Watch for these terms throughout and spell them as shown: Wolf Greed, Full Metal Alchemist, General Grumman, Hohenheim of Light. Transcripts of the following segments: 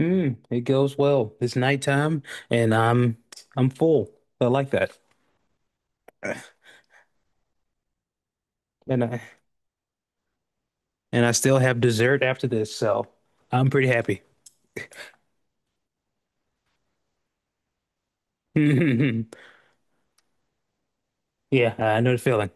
Mm, it goes well. It's nighttime and I'm full. I like that. And I still have dessert after this, so I'm pretty happy. Yeah, I know the feeling.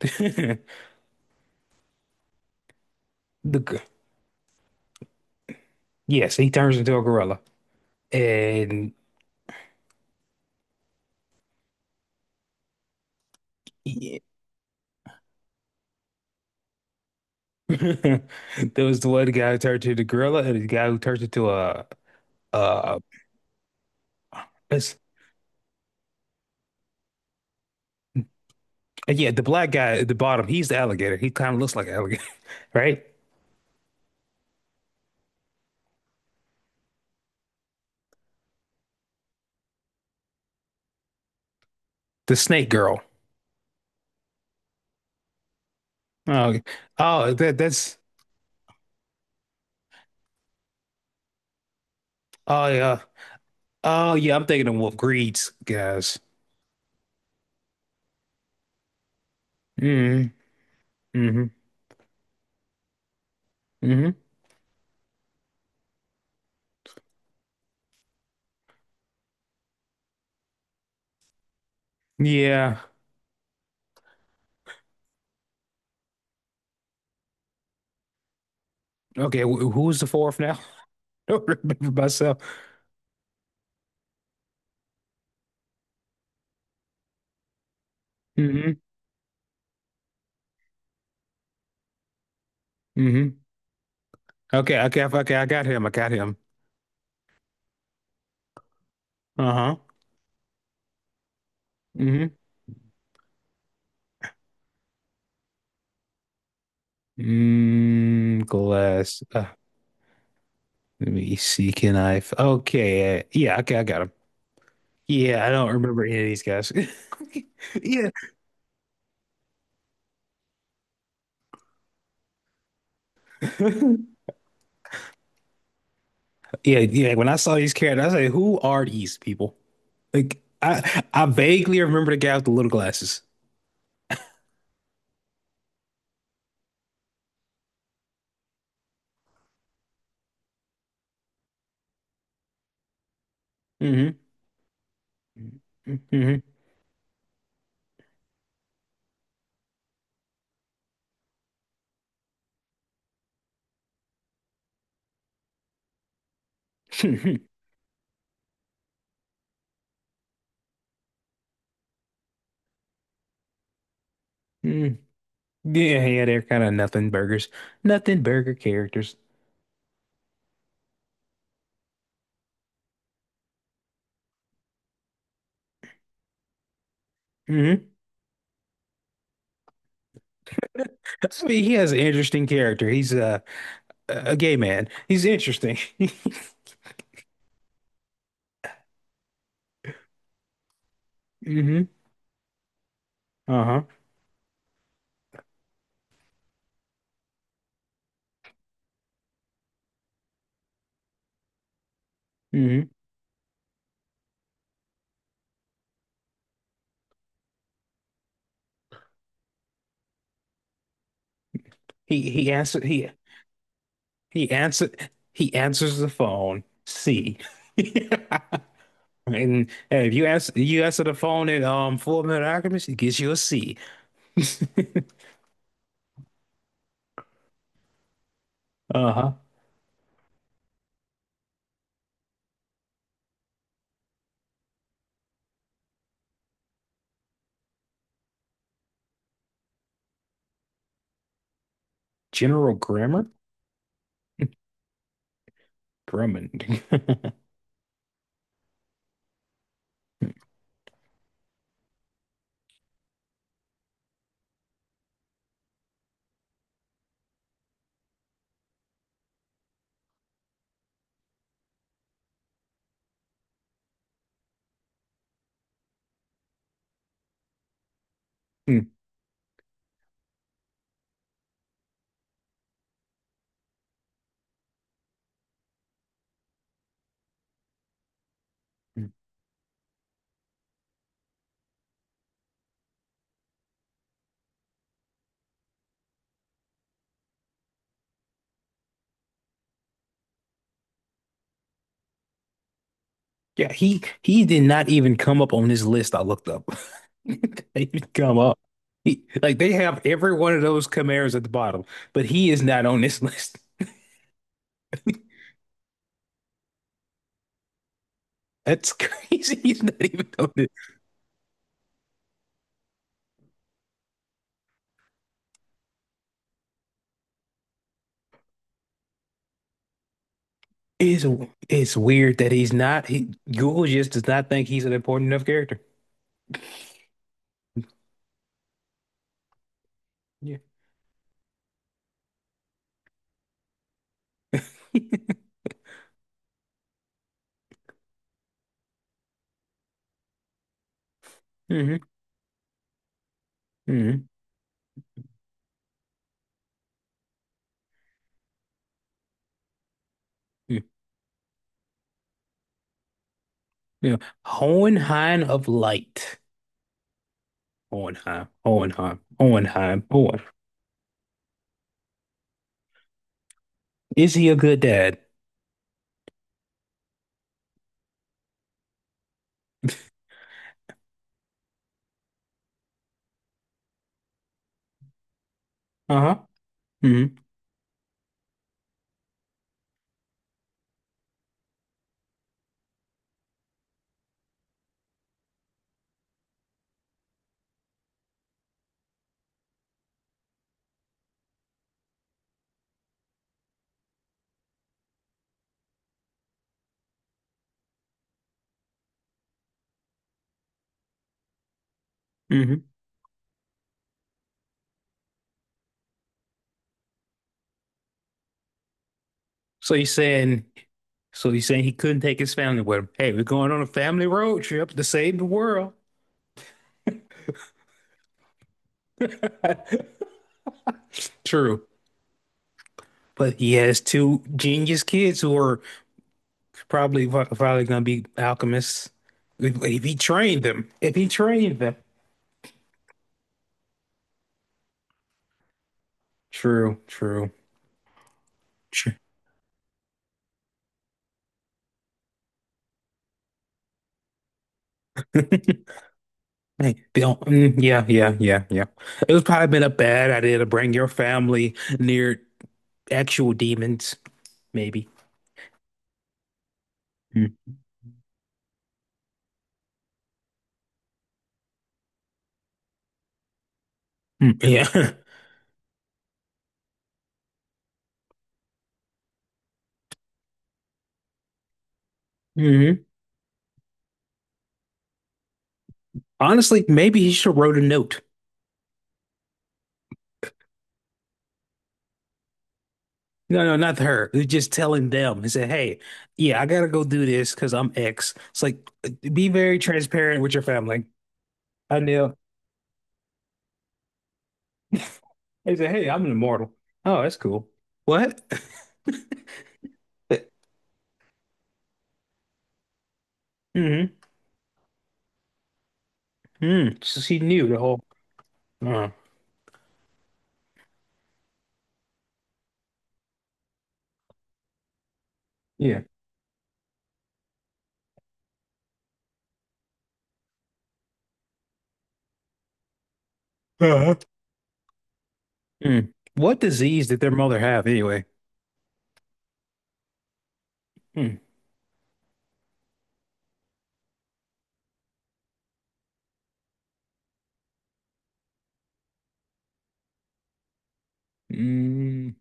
The g- yes, he turns into a gorilla. And yeah. There was the one guy who turned into the gorilla and the guy who turned into a uh it's, yeah, the black guy at the bottom, he's the alligator. He kind of looks like an alligator, right? The snake girl. Oh, oh that that's Oh yeah. Oh yeah, I'm thinking of Wolf Greed's guys. Mm, hmm. Hmm, yeah. Okay, wh who's the fourth now? I don't remember myself. Hmm. Hmm. Okay, okay, okay, I got him. I got him. Uh-huh. Hmm. Mm, glass. Let me see. Okay. Yeah. Okay, I got him. Yeah, I don't remember any of these guys. Yeah. Yeah, yeah. When I saw these characters, I was like, "Who are these people?" Like, I vaguely remember the guy with the little glasses. Mm-hmm. Mm-hmm. Mm. Yeah, yeah, they're kind of nothing burgers, nothing burger characters. Hmm. I mean, he has an interesting character. He's a gay man. He's interesting. Hmm. Uh-huh. Hmm. He he answer he answers the phone. C. And hey, if you answer the phone in Full Metal Alchemist, it gives you a C. Uh-huh. General Grammar? Grumman. Yeah, he did not even come up on this list I looked up. They didn't come up. He, like they have every one of those Camaros at the bottom, but he is not on this list. That's crazy. He's not even on it. It's it's weird that he's not. He, Google just does not think he's an important enough character. Yeah. Hmm. Hmm. Yeah. Hohenheim of Light. Hohenheim. Hohenheim. Hohenheim. Hohen. Is he a good dad? Uh-huh. Hmm. Hmm. So you're saying So he's saying he couldn't take his family with him. Hey, we're going on a family road trip to save the world. True. But he has two genius kids who are probably going to be alchemists. If he trained them. If he trained them. True, true. True. Hey, Bill. Mm, yeah, yeah, yeah, yeah. It was probably been a bad idea to bring your family near actual demons, maybe. Mm, mm, yeah. Hmm. Honestly, maybe he should have wrote a note. No, no, not her. They're just telling them. He said, "Hey, yeah, I gotta go do this because I'm X." It's like be very transparent with your family. I knew. He said, "Hey, I'm an immortal." Oh, that's cool. What? Mm-hmm. Mm. So she knew the whole. Uh, yeah. Uh-huh. Mm. What disease did their mother have anyway? Mm. Mm.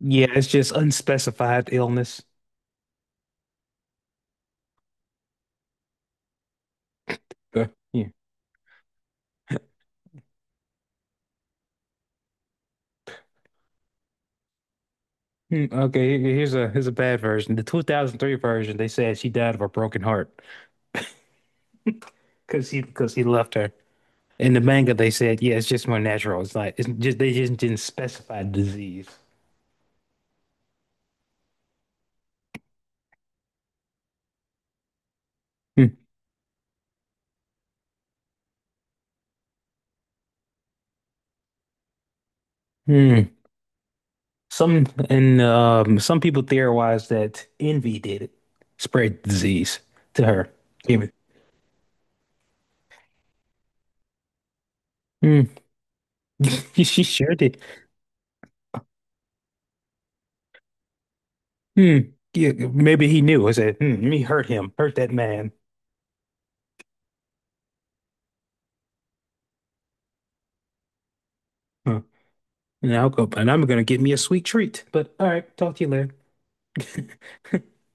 Yeah, it's just unspecified illness. Uh, yeah. Mm, okay, here's a bad version. The 2003 version, they said she died of a broken heart. Because he left her. In the manga, they said, yeah, it's just more natural. It's like it's just they just didn't specify disease. Hmm. Hmm. Some people theorize that envy did it, spread disease to her. Give it. Hmm. She sure did. Hmm. Yeah, maybe he knew. I said, hmm, let me hurt him, hurt that man. Huh. And I'll go, and I'm gonna get me a sweet treat. But all right, talk to you later.